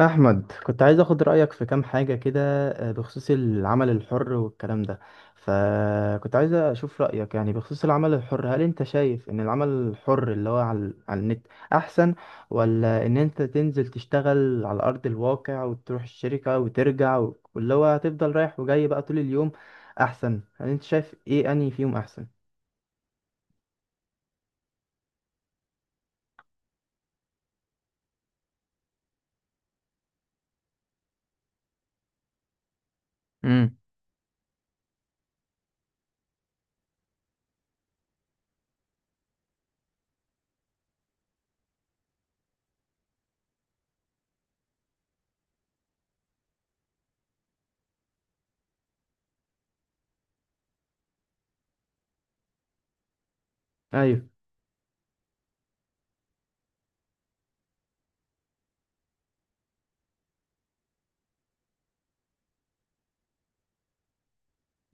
أحمد، كنت عايز أخد رأيك في كام حاجة كده. بخصوص العمل الحر والكلام ده، فكنت عايز أشوف رأيك يعني بخصوص العمل الحر. هل أنت شايف إن العمل الحر اللي هو على النت أحسن، ولا إن أنت تنزل تشتغل على أرض الواقع وتروح الشركة وترجع واللي هو هتفضل رايح وجاي بقى طول اليوم أحسن؟ هل أنت شايف إيه أنهي فيهم أحسن؟ امم.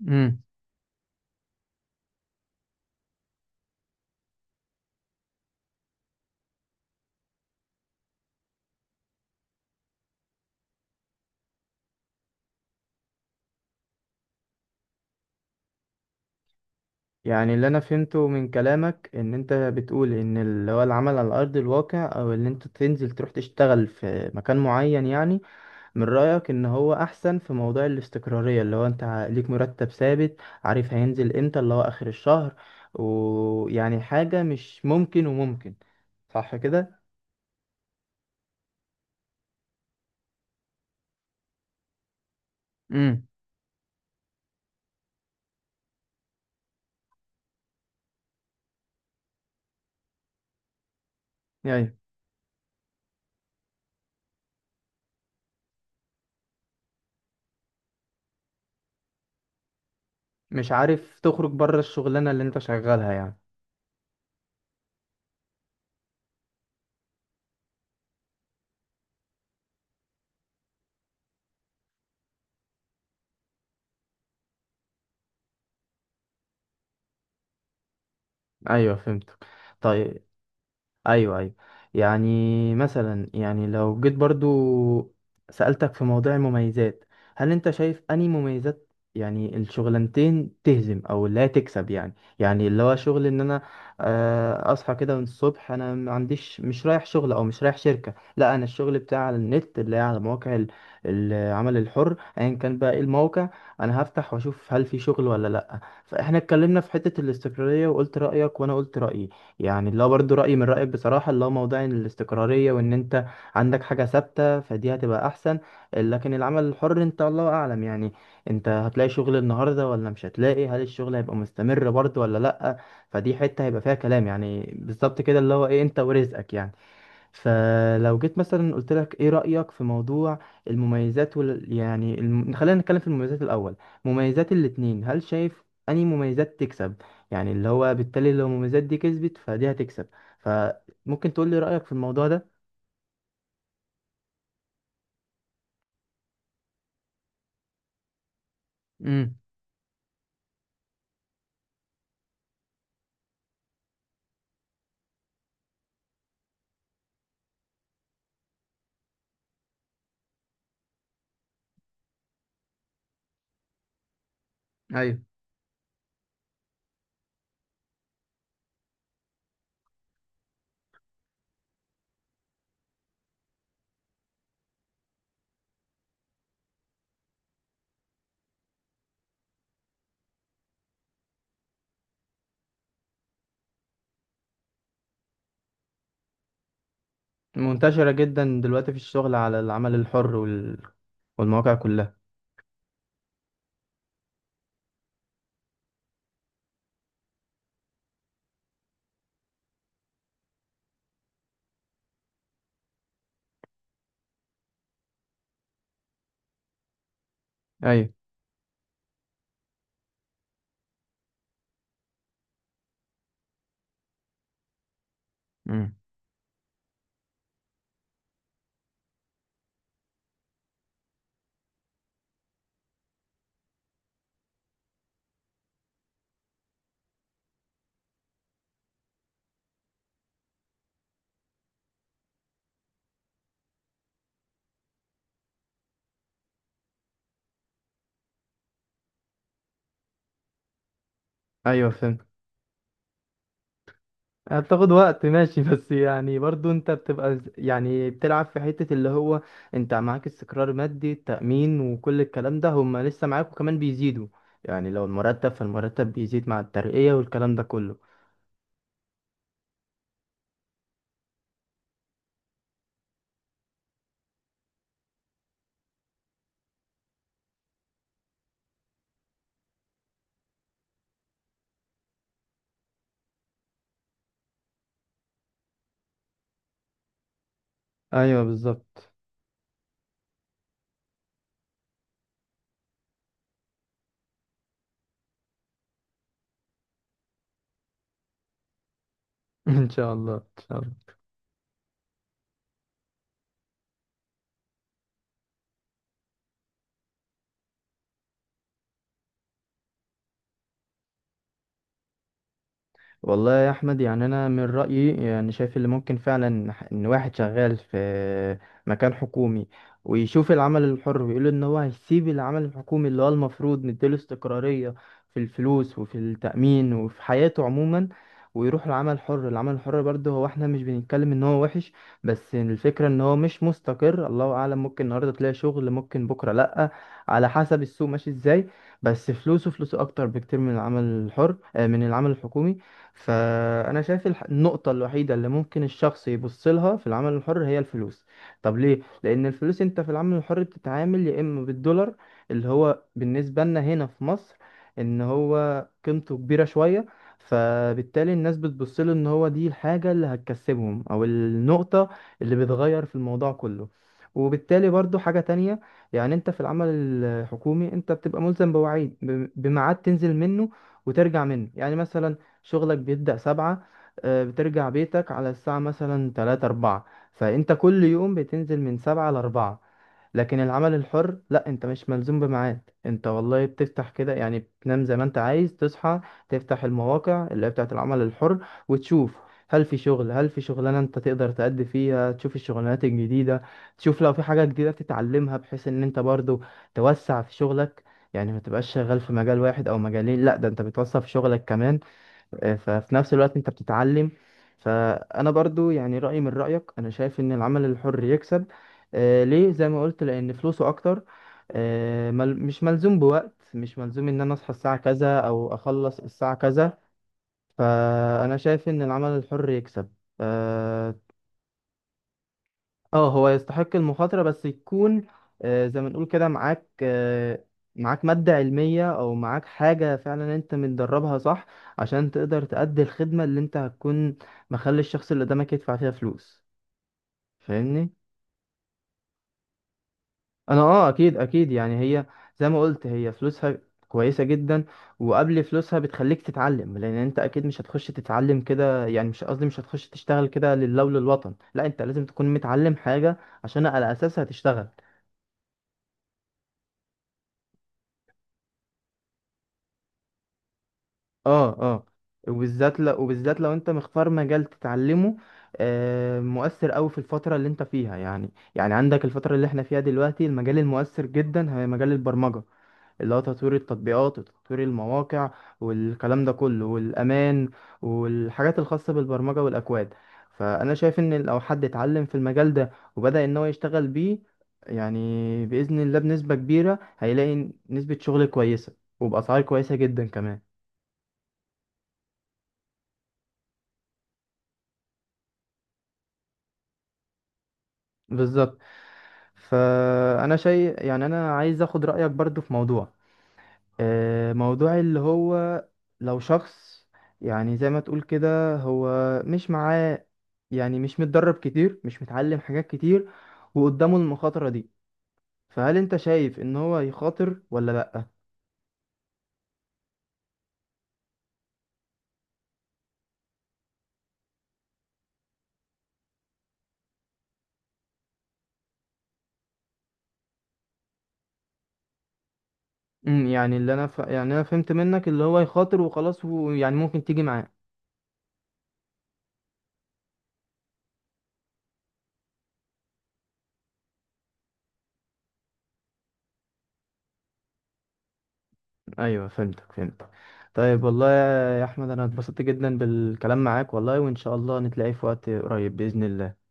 أيوه. يعني اللي انا فهمته من كلامك ان انت بتقول ان اللي هو العمل على ارض الواقع، او اللي انت تنزل تروح تشتغل في مكان معين، يعني من رأيك ان هو احسن في موضوع الاستقرارية، اللي هو انت ليك مرتب ثابت، عارف هينزل امتى، اللي هو اخر الشهر، ويعني حاجة مش ممكن وممكن، صح كده؟ امم. يعني مش عارف تخرج بره الشغلانة اللي انت شغالها يعني. ايوه، فهمتك. طيب. ايوه، ايوه. يعني مثلا، يعني لو جيت برضو سألتك في موضوع المميزات، هل انت شايف انهي مميزات يعني الشغلانتين تهزم، او اللي هي تكسب؟ يعني اللي هو شغل ان انا اصحى كده من الصبح، انا ما عنديش، مش رايح شغل او مش رايح شركة. لا، انا الشغل بتاعي على النت، اللي هي على مواقع العمل الحر، ايا كان بقى ايه الموقع، انا هفتح واشوف هل في شغل ولا لا. فاحنا اتكلمنا في حتة الاستقرارية وقلت رأيك وانا قلت رأيي. يعني اللي هو برضه رأيي من رأيك بصراحة، اللي هو موضوع الاستقرارية، وإن أنت عندك حاجة ثابتة، فدي هتبقى أحسن. لكن العمل الحر، أنت الله أعلم يعني، أنت هتلاقي شغل النهاردة ولا مش هتلاقي، هل الشغل هيبقى مستمر برضه ولا لأ. فدي حتة هيبقى فيها كلام يعني، بالظبط كده اللي هو إيه، أنت ورزقك يعني. فلو جيت مثلا قلت لك ايه رأيك في موضوع المميزات يعني خلينا نتكلم في المميزات الأول. مميزات الاتنين، هل شايف أنهي مميزات تكسب؟ يعني اللي هو بالتالي لو المميزات دي كسبت فدي هتكسب. فممكن تقول لي رأيك في الموضوع ده؟ امم. ايوه، منتشرة جدا دلوقتي في الشغل على العمل الحر والمواقع كلها. ايوه. امم. ايوه، فهمت. هتاخد وقت، ماشي. بس يعني برضو انت بتبقى يعني بتلعب في حتة اللي هو انت معاك استقرار مادي، تأمين، وكل الكلام ده هما لسه معاك، وكمان بيزيدوا. يعني لو المرتب، فالمرتب بيزيد مع الترقية والكلام ده كله. ايوه، بالظبط. ان شاء الله، ان شاء الله. والله يا احمد، يعني انا من رايي يعني شايف اللي ممكن فعلا ان واحد شغال في مكان حكومي، ويشوف العمل الحر، ويقول ان هو هيسيب العمل الحكومي اللي هو المفروض مديله استقراريه في الفلوس وفي التامين وفي حياته عموما، ويروح العمل الحر. العمل الحر برضه، هو احنا مش بنتكلم ان هو وحش، بس الفكره ان هو مش مستقر. الله اعلم، ممكن النهارده تلاقي شغل، ممكن بكره لا، على حسب السوق ماشي ازاي. بس فلوسه، فلوسه اكتر بكتير من العمل الحر، من العمل الحكومي. فأنا شايف النقطة الوحيدة اللي ممكن الشخص يبص لها في العمل الحر هي الفلوس. طب ليه؟ لأن الفلوس، أنت في العمل الحر بتتعامل يا إما بالدولار، اللي هو بالنسبة لنا هنا في مصر إن هو قيمته كبيرة شوية. فبالتالي الناس بتبص له، إن هو دي الحاجة اللي هتكسبهم، أو النقطة اللي بتغير في الموضوع كله. وبالتالي برضو حاجة تانية، يعني انت في العمل الحكومي انت بتبقى ملزم بوعيد، بميعاد تنزل منه وترجع منه. يعني مثلا شغلك بيبدأ سبعة، بترجع بيتك على الساعة مثلا تلاتة أربعة. فأنت كل يوم بتنزل من سبعة لأربعة. لكن العمل الحر لا، انت مش ملزوم بميعاد، انت والله بتفتح كده يعني، بتنام زي ما انت عايز، تصحى تفتح المواقع اللي هي بتاعت العمل الحر، وتشوف هل في شغل، هل في شغلانة انت تقدر تأدي فيها، تشوف الشغلانات الجديدة، تشوف لو في حاجة جديدة تتعلمها، بحيث ان انت برضو توسع في شغلك. يعني ما تبقاش شغال في مجال واحد او مجالين، لا، ده انت بتوسع في شغلك كمان، ففي نفس الوقت انت بتتعلم. فانا برضو يعني رأيي من رأيك، انا شايف ان العمل الحر يكسب. ليه؟ زي ما قلت، لان فلوسه اكتر، آه مل مش ملزوم بوقت، مش ملزوم ان انا اصحى الساعة كذا او اخلص الساعة كذا. فانا شايف ان العمل الحر يكسب. آه اه، هو يستحق المخاطرة، بس يكون زي ما نقول كده معاك، معاك مادة علمية أو معاك حاجة فعلا أنت متدربها صح، عشان تقدر تأدي الخدمة اللي أنت هتكون مخلي الشخص اللي قدامك يدفع فيها فلوس. فاهمني؟ أنا، أكيد أكيد، يعني هي زي ما قلت، هي فلوسها كويسة جدا. وقبل فلوسها، بتخليك تتعلم، لأن أنت أكيد مش هتخش تتعلم كده، يعني مش قصدي، مش هتخش تشتغل كده لله وللوطن. لا، أنت لازم تكون متعلم حاجة عشان على أساسها تشتغل. اه، اه. وبالذات لو انت مختار مجال تتعلمه مؤثر قوي في الفترة اللي انت فيها. يعني عندك الفترة اللي احنا فيها دلوقتي، المجال المؤثر جدا هي مجال البرمجة، اللي هو تطوير التطبيقات وتطوير المواقع والكلام ده كله، والأمان والحاجات الخاصة بالبرمجة والأكواد. فأنا شايف إن لو حد اتعلم في المجال ده وبدأ إن هو يشتغل بيه، يعني بإذن الله بنسبة كبيرة هيلاقي نسبة شغل كويسة، وبأسعار كويسة جدا كمان. بالظبط. فانا شيء يعني انا عايز اخد رايك برضو في موضوع اللي هو لو شخص، يعني زي ما تقول كده، هو مش معاه، يعني مش متدرب كتير، مش متعلم حاجات كتير، وقدامه المخاطره دي، فهل انت شايف ان هو يخاطر ولا لا؟ يعني اللي انا يعني انا فهمت منك اللي هو يخاطر وخلاص، ويعني ممكن تيجي معاه. ايوه، فهمتك، فهمتك. طيب. والله يا احمد، انا اتبسطت جدا بالكلام معاك والله، وان شاء الله نتلاقي في وقت قريب باذن الله.